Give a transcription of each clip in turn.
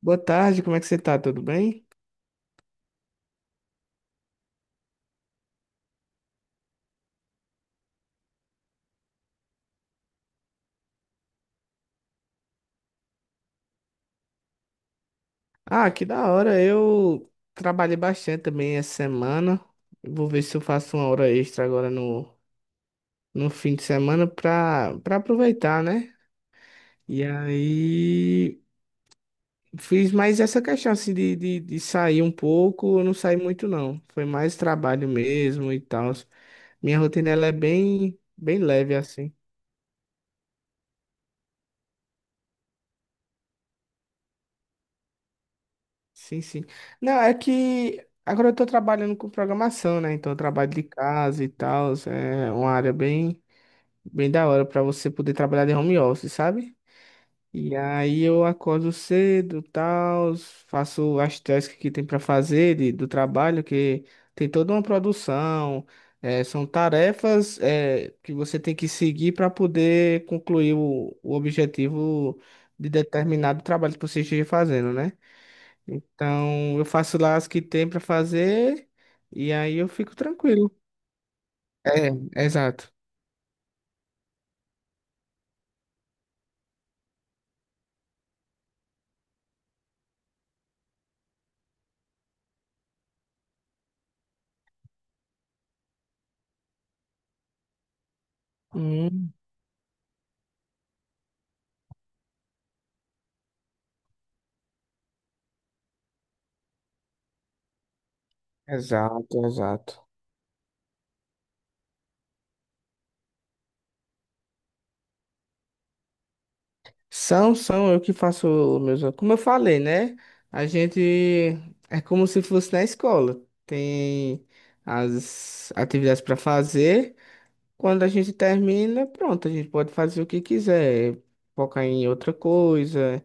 Boa tarde, como é que você tá? Tudo bem? Ah, que da hora. Eu trabalhei bastante também essa semana. Vou ver se eu faço uma hora extra agora no fim de semana pra aproveitar, né? E aí fiz mais essa questão assim de sair um pouco. Eu não saí muito, não. Foi mais trabalho mesmo e tal. Minha rotina ela é bem leve assim. Sim, sim. Não, é que agora eu tô trabalhando com programação, né? Então eu trabalho de casa e tal. É uma área bem da hora pra você poder trabalhar de home office, sabe? E aí eu acordo cedo, tal, faço as tasks que tem pra fazer do trabalho, que tem toda uma produção, é, são tarefas, é, que você tem que seguir para poder concluir o objetivo de determinado trabalho que você esteja fazendo, né? Então, eu faço lá as que tem pra fazer e aí eu fico tranquilo. É, exato. Hum. Exato, exato. São, são eu que faço os meus. Como eu falei, né? A gente é como se fosse na escola. Tem as atividades para fazer. Quando a gente termina, pronto, a gente pode fazer o que quiser, focar em outra coisa,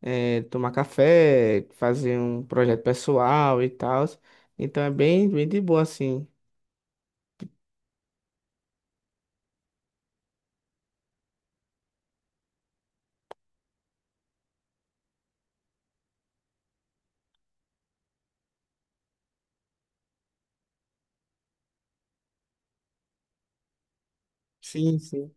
tomar café, fazer um projeto pessoal e tal. Então é bem de boa, assim. Sim, sim.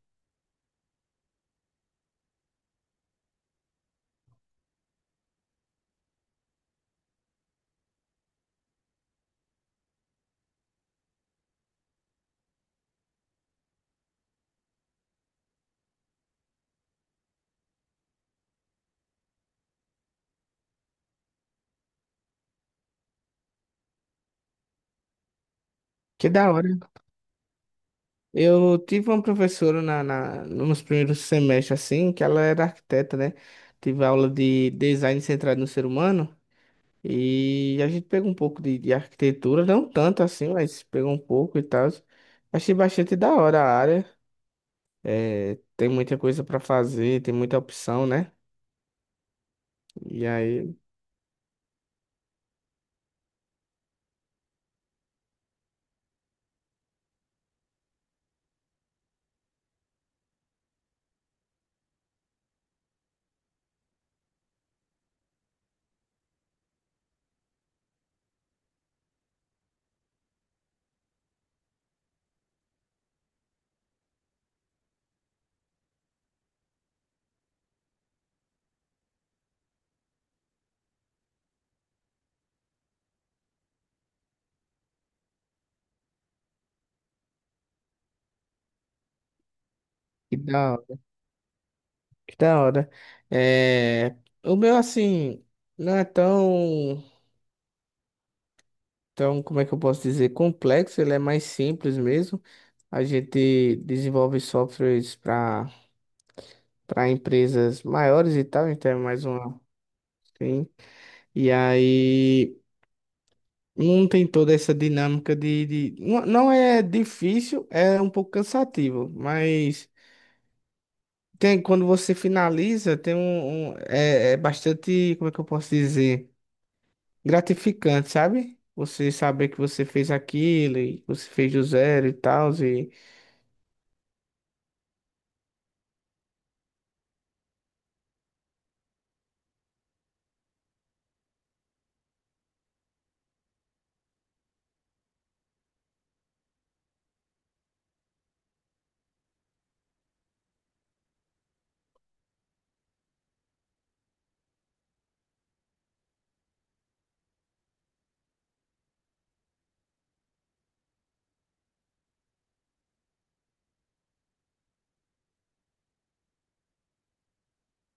Que da hora. Eu tive uma professora nos primeiros semestres, assim, que ela era arquiteta, né? Tive aula de design centrado no ser humano. E a gente pegou um pouco de arquitetura, não tanto assim, mas pegou um pouco e tal. Achei bastante da hora a área. É, tem muita coisa para fazer, tem muita opção, né? E aí, que da que da hora. É, o meu, assim, não é tão, como é que eu posso dizer, complexo, ele é mais simples mesmo. A gente desenvolve softwares para empresas maiores e tal, então é mais uma. Sim. E aí não tem toda essa dinâmica de... não é difícil, é um pouco cansativo, mas tem, quando você finaliza, tem é bastante, como é que eu posso dizer? Gratificante, sabe? Você saber que você fez aquilo e você fez do zero e tal, e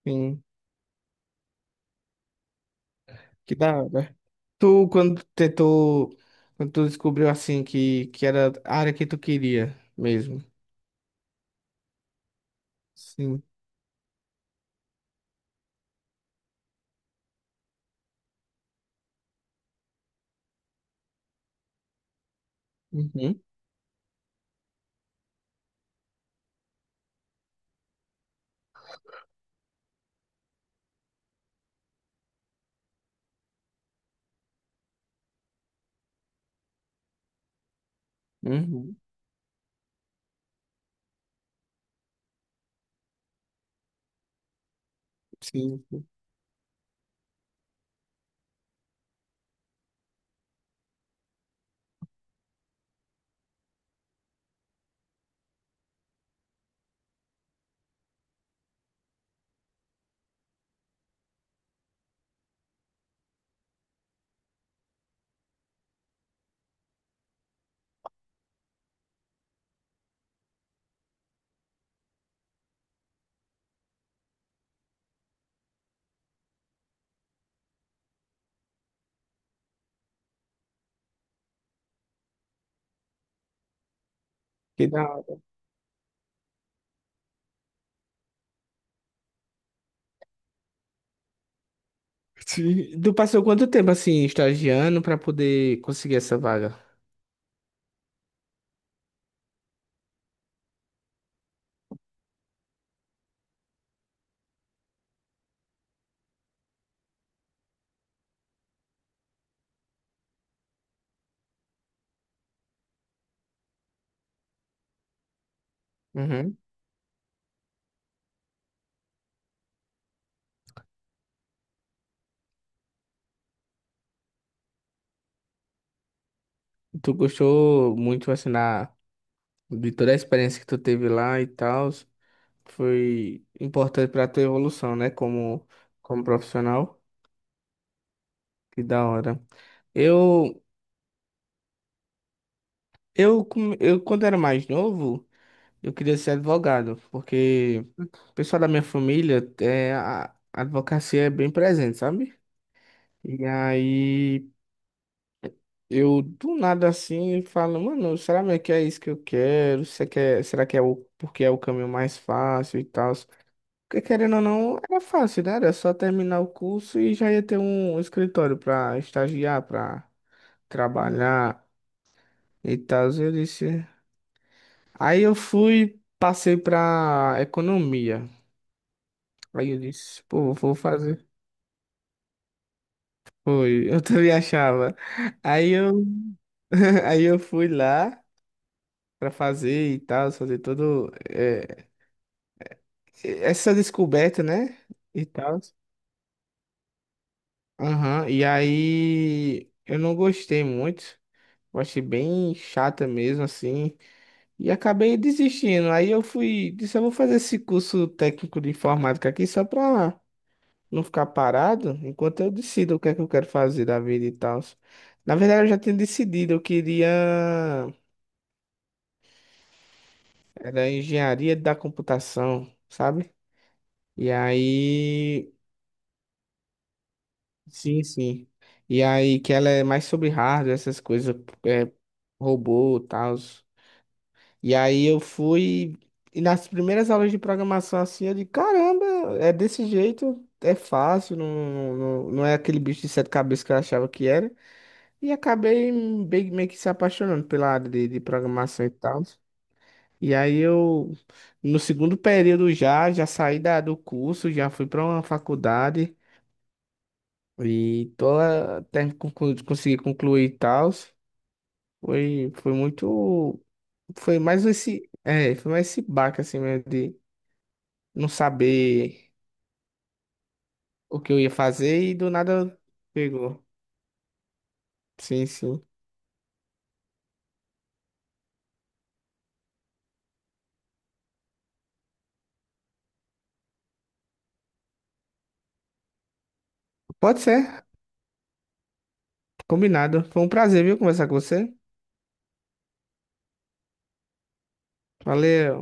enfim, que da hora. Tu, quando tentou, quando tu descobriu assim que era a área que tu queria mesmo. Sim. Uhum. Uhum. Sim. Que da hora. Sim. Tu passou quanto tempo assim, estagiando pra poder conseguir essa vaga? Uhum. Tu gostou muito assim na, de toda a experiência que tu teve lá e tal? Foi importante para a tua evolução, né? Como, como profissional. Que da hora. Eu, eu quando era mais novo, eu queria ser advogado, porque o pessoal da minha família, é, a advocacia é bem presente, sabe? E aí, eu do nada assim falo, mano, será mesmo que é isso que eu quero? Será que é o, porque é o caminho mais fácil e tal? Porque, querendo ou não, era fácil, né? Era só terminar o curso e já ia ter um escritório pra estagiar, pra trabalhar e tal. Eu disse. Aí eu fui, passei pra economia. Aí eu disse, pô, vou fazer. Foi, eu também achava. Aí eu, aí eu fui lá pra fazer e tal, fazer todo essa descoberta, né? E tal. Aham. E aí eu não gostei muito. Eu achei bem chata mesmo, assim. E acabei desistindo. Aí eu fui, disse, eu vou fazer esse curso técnico de informática aqui só pra não ficar parado, enquanto eu decido o que é que eu quero fazer da vida e tal. Na verdade, eu já tinha decidido, eu queria... Era engenharia da computação, sabe? E aí... Sim, sim. E aí que ela é mais sobre hardware, essas coisas, é, robô e tal. E aí eu fui. E nas primeiras aulas de programação, assim, eu digo, caramba, é desse jeito, é fácil, não, não é aquele bicho de sete cabeças que eu achava que era. E acabei meio que se apaixonando pela área de programação e tal. E aí eu, no segundo período já, já saí do curso, já fui para uma faculdade e tô, até consegui concluir e tal. Foi, foi muito. Foi mais esse. É, foi mais esse baque assim mesmo não saber o que eu ia fazer e do nada pegou. Sim, sim. Pode ser, combinado. Foi um prazer, viu, conversar com você. Valeu.